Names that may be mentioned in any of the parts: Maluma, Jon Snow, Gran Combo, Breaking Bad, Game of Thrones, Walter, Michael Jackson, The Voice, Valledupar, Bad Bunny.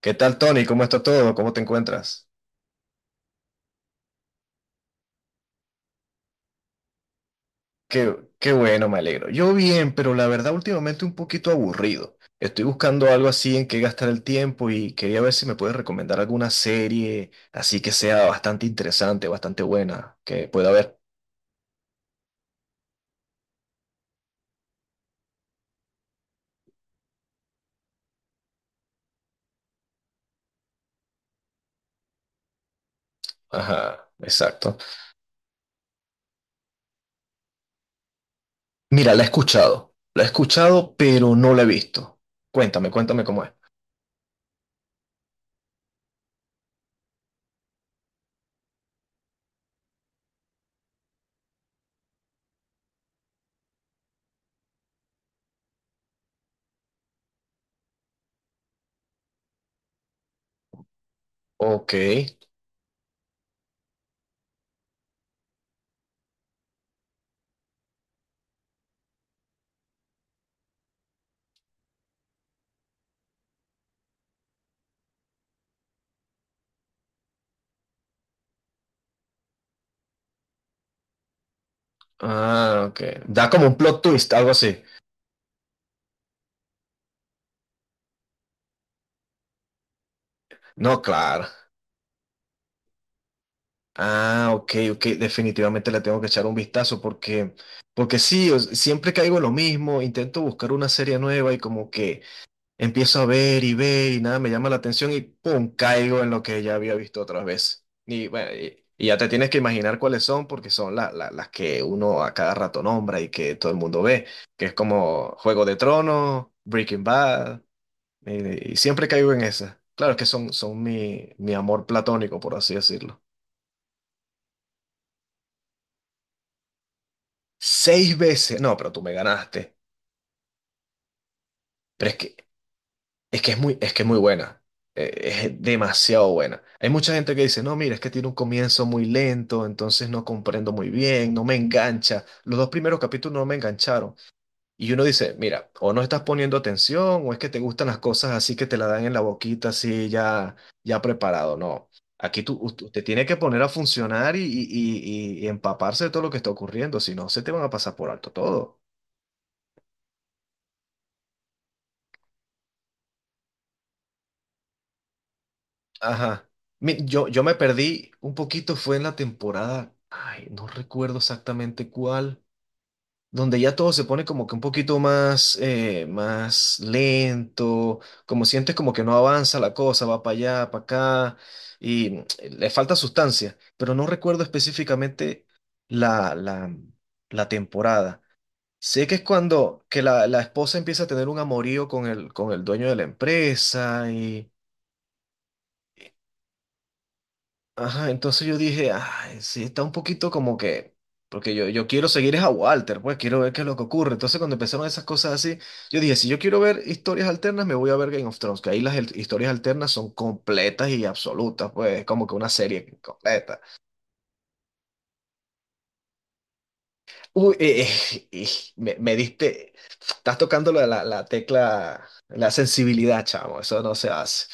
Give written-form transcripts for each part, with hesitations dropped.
¿Qué tal, Tony? ¿Cómo está todo? ¿Cómo te encuentras? Qué bueno, me alegro. Yo bien, pero la verdad últimamente un poquito aburrido. Estoy buscando algo así en que gastar el tiempo y quería ver si me puedes recomendar alguna serie así que sea bastante interesante, bastante buena, que pueda ver. Ajá, exacto. Mira, la he escuchado. La he escuchado, pero no la he visto. Cuéntame, cuéntame cómo es. Ok. Ah, ok. Da como un plot twist, algo así. No, claro. Ah, ok, ok, definitivamente le tengo que echar un vistazo porque, porque sí, siempre caigo en lo mismo, intento buscar una serie nueva y como que empiezo a ver y ver y nada me llama la atención y pum, caigo en lo que ya había visto otras veces. Y, bueno, y ya te tienes que imaginar cuáles son porque son las que uno a cada rato nombra y que todo el mundo ve, que es como Juego de Tronos, Breaking Bad, y siempre caigo en esas. Claro que son, son mi amor platónico, por así decirlo. Seis veces. No, pero tú me ganaste. Pero es que es que es muy, es que es muy buena. Eh, Es demasiado buena. Hay mucha gente que dice, no, mira, es que tiene un comienzo muy lento, entonces no comprendo muy bien, no me engancha. Los dos primeros capítulos no me engancharon. Y uno dice, mira, o no estás poniendo atención, o es que te gustan las cosas así que te la dan en la boquita, así ya, ya preparado. No. Aquí tú, usted tiene que poner a funcionar y empaparse de todo lo que está ocurriendo, si no, se te van a pasar por alto todo. Ajá. Yo, yo me perdí un poquito, fue en la temporada, ay, no recuerdo exactamente cuál, donde ya todo se pone como que un poquito más, más lento, como sientes como que no avanza la cosa, va para allá, para acá, y mm, le falta sustancia, pero no recuerdo específicamente la, la, la temporada. Sé que es cuando que la esposa empieza a tener un amorío con el dueño de la empresa. Ajá, entonces yo dije, ay, sí, está un poquito como que, porque yo quiero seguir es a Walter, pues quiero ver qué es lo que ocurre. Entonces cuando empezaron esas cosas así, yo dije, si yo quiero ver historias alternas, me voy a ver Game of Thrones, que ahí las historias alternas son completas y absolutas, pues es como que una serie completa. Uy, me diste, estás tocando la, la tecla, la sensibilidad, chamo, eso no se hace.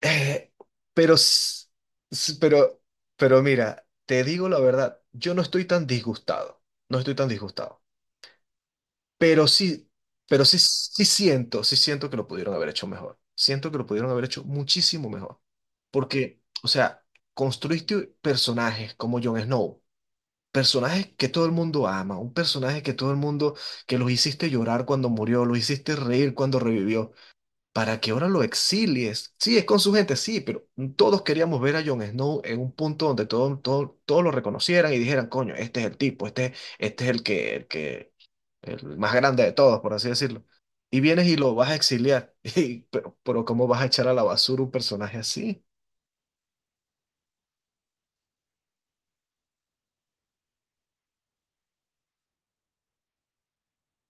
Eh, pero, s- s- pero, pero mira, te digo la verdad, yo no estoy tan disgustado, no estoy tan disgustado, pero sí, pero sí, sí siento que lo pudieron haber hecho mejor, siento que lo pudieron haber hecho muchísimo mejor, porque, o sea, construiste personajes como Jon Snow, personajes que todo el mundo ama, un personaje que todo el mundo, que los hiciste llorar cuando murió, los hiciste reír cuando revivió para que ahora lo exilies. Sí, es con su gente, sí, pero todos queríamos ver a Jon Snow en un punto donde todo, todos lo reconocieran y dijeran, coño, este es el tipo, este es el que, el que, el más grande de todos, por así decirlo. Y vienes y lo vas a exiliar. Y, pero ¿cómo vas a echar a la basura un personaje así?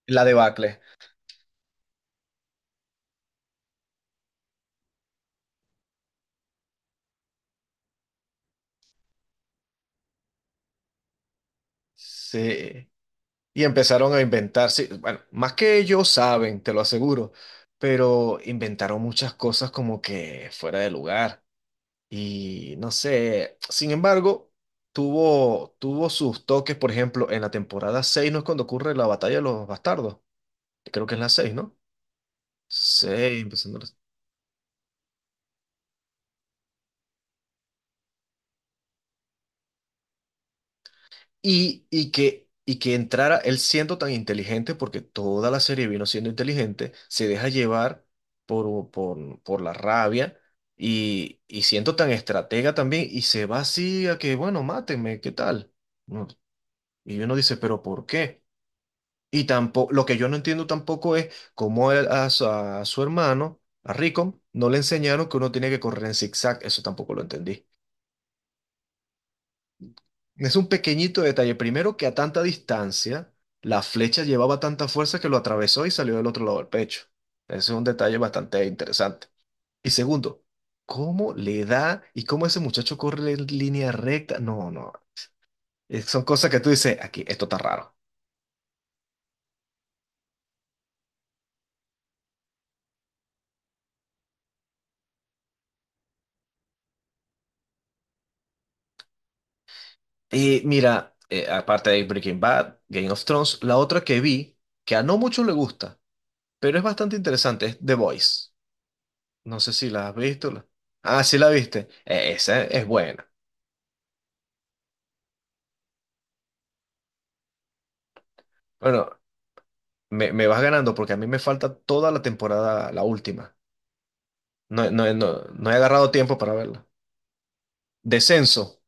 La debacle. Sí, y empezaron a inventar, sí, bueno, más que ellos saben, te lo aseguro, pero inventaron muchas cosas como que fuera de lugar. Y no sé, sin embargo, tuvo sus toques, por ejemplo, en la temporada 6 ¿no es cuando ocurre la batalla de los bastardos? Creo que es la seis, ¿no? Seis empezando Y, y que entrara él siendo tan inteligente, porque toda la serie vino siendo inteligente, se deja llevar por la rabia y siendo tan estratega también, y se va así a que, bueno, mátenme, ¿qué tal? No, y uno dice, ¿pero por qué? Y tampoco, lo que yo no entiendo tampoco es cómo su a su hermano, a Rico, no le enseñaron que uno tiene que correr en zigzag. Eso tampoco lo entendí. Es un pequeñito detalle. Primero, que a tanta distancia, la flecha llevaba tanta fuerza que lo atravesó y salió del otro lado del pecho. Ese es un detalle bastante interesante. Y segundo, ¿cómo le da y cómo ese muchacho corre en línea recta? No, no. Son cosas que tú dices, aquí, esto está raro. Y mira, aparte de Breaking Bad, Game of Thrones, la otra que vi, que a no muchos le gusta, pero es bastante interesante, es The Voice. No sé si la has visto. Ah, sí la viste. Esa es buena. Bueno, me vas ganando porque a mí me falta toda la temporada, la última. No, no, no, no he agarrado tiempo para verla. Descenso.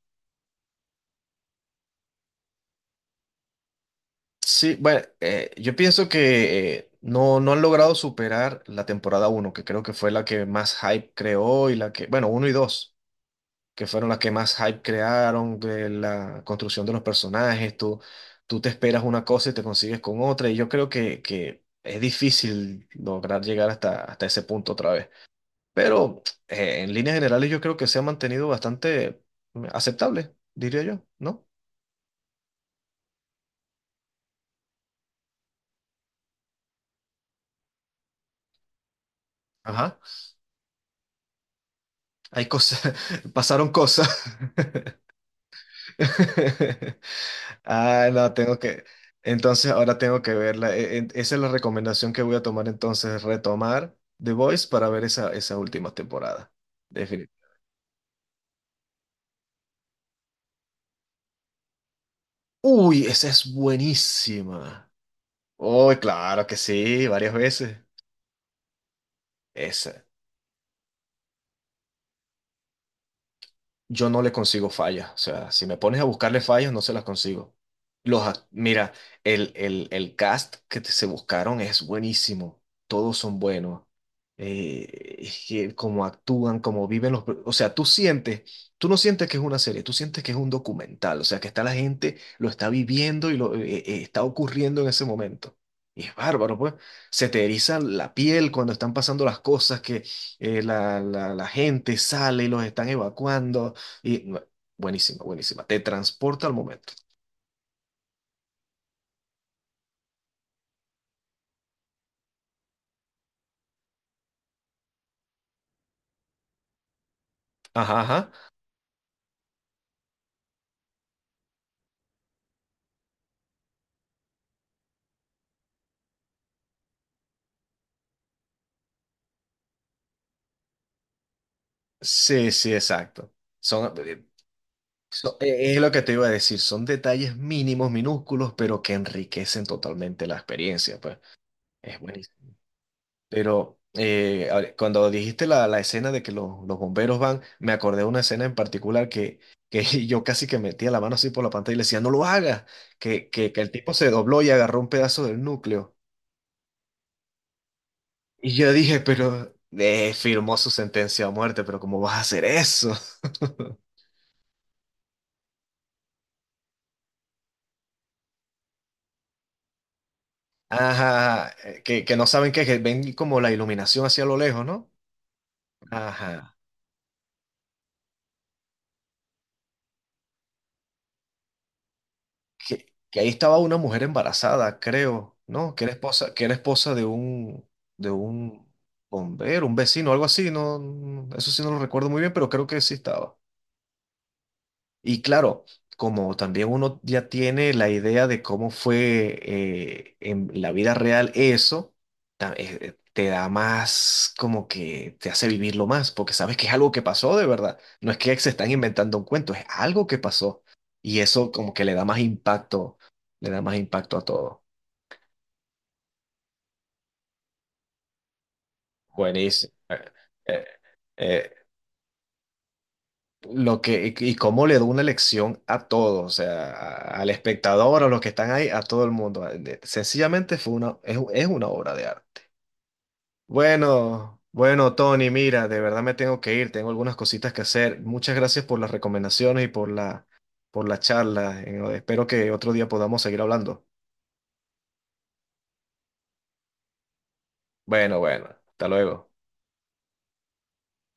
Sí, bueno, yo pienso que no, no han logrado superar la temporada uno, que creo que fue la que más hype creó y la que, bueno, uno y dos, que fueron las que más hype crearon, de la construcción de los personajes, tú te esperas una cosa y te consigues con otra, y yo creo que es difícil lograr llegar hasta, hasta ese punto otra vez. Pero en líneas generales yo creo que se ha mantenido bastante aceptable, diría yo, ¿no? Ajá, hay cosas, pasaron cosas. Ah, no, tengo que. Entonces ahora tengo que verla. Esa es la recomendación que voy a tomar entonces, retomar The Voice para ver esa, esa última temporada. Definitivamente. Uy, esa es buenísima. Uy, claro que sí, varias veces. Esa, yo no le consigo fallas. O sea, si me pones a buscarle fallas, no se las consigo. Mira, el cast que se buscaron es buenísimo. Todos son buenos. Es que cómo actúan, cómo viven los... O sea, tú sientes, tú no sientes que es una serie, tú sientes que es un documental. O sea, que está la gente, lo está viviendo y lo está ocurriendo en ese momento. Y es bárbaro, pues. Se te eriza la piel cuando están pasando las cosas que la gente sale y los están evacuando. Y no, buenísima, buenísima. Te transporta al momento. Ajá, ajá. Sí, sí, exacto. Son, es lo que te iba a decir. Son detalles mínimos, minúsculos, pero que enriquecen totalmente la experiencia, pues. Es buenísimo. Pero ahora, cuando dijiste la escena de que los bomberos van, me acordé de una escena en particular que yo casi que metía la mano así por la pantalla y le decía, no lo hagas, que el tipo se dobló y agarró un pedazo del núcleo. Y yo dije, pero firmó su sentencia a muerte, pero ¿cómo vas a hacer eso? Ajá, que no saben qué, que ven como la iluminación hacia lo lejos, ¿no? Ajá, que ahí estaba una mujer embarazada, creo, ¿no? Que era esposa de un bombero, un vecino, algo así, no, no, eso sí no lo recuerdo muy bien, pero creo que sí estaba. Y claro, como también uno ya tiene la idea de cómo fue en la vida real eso, te da más como que te hace vivirlo más, porque sabes que es algo que pasó de verdad. No es que se están inventando un cuento, es algo que pasó. Y eso como que le da más impacto, le da más impacto a todo. Buenísimo. Eh, eh, Lo que, y cómo le da una lección a todos, o sea, al espectador, a los que están ahí, a todo el mundo. Sencillamente fue una, es una obra de arte. Bueno, bueno, Tony, mira, de verdad me tengo que ir, tengo algunas cositas que hacer. Muchas gracias por las recomendaciones y por por la charla. Espero que otro día podamos seguir hablando. Bueno, bueno, hasta luego.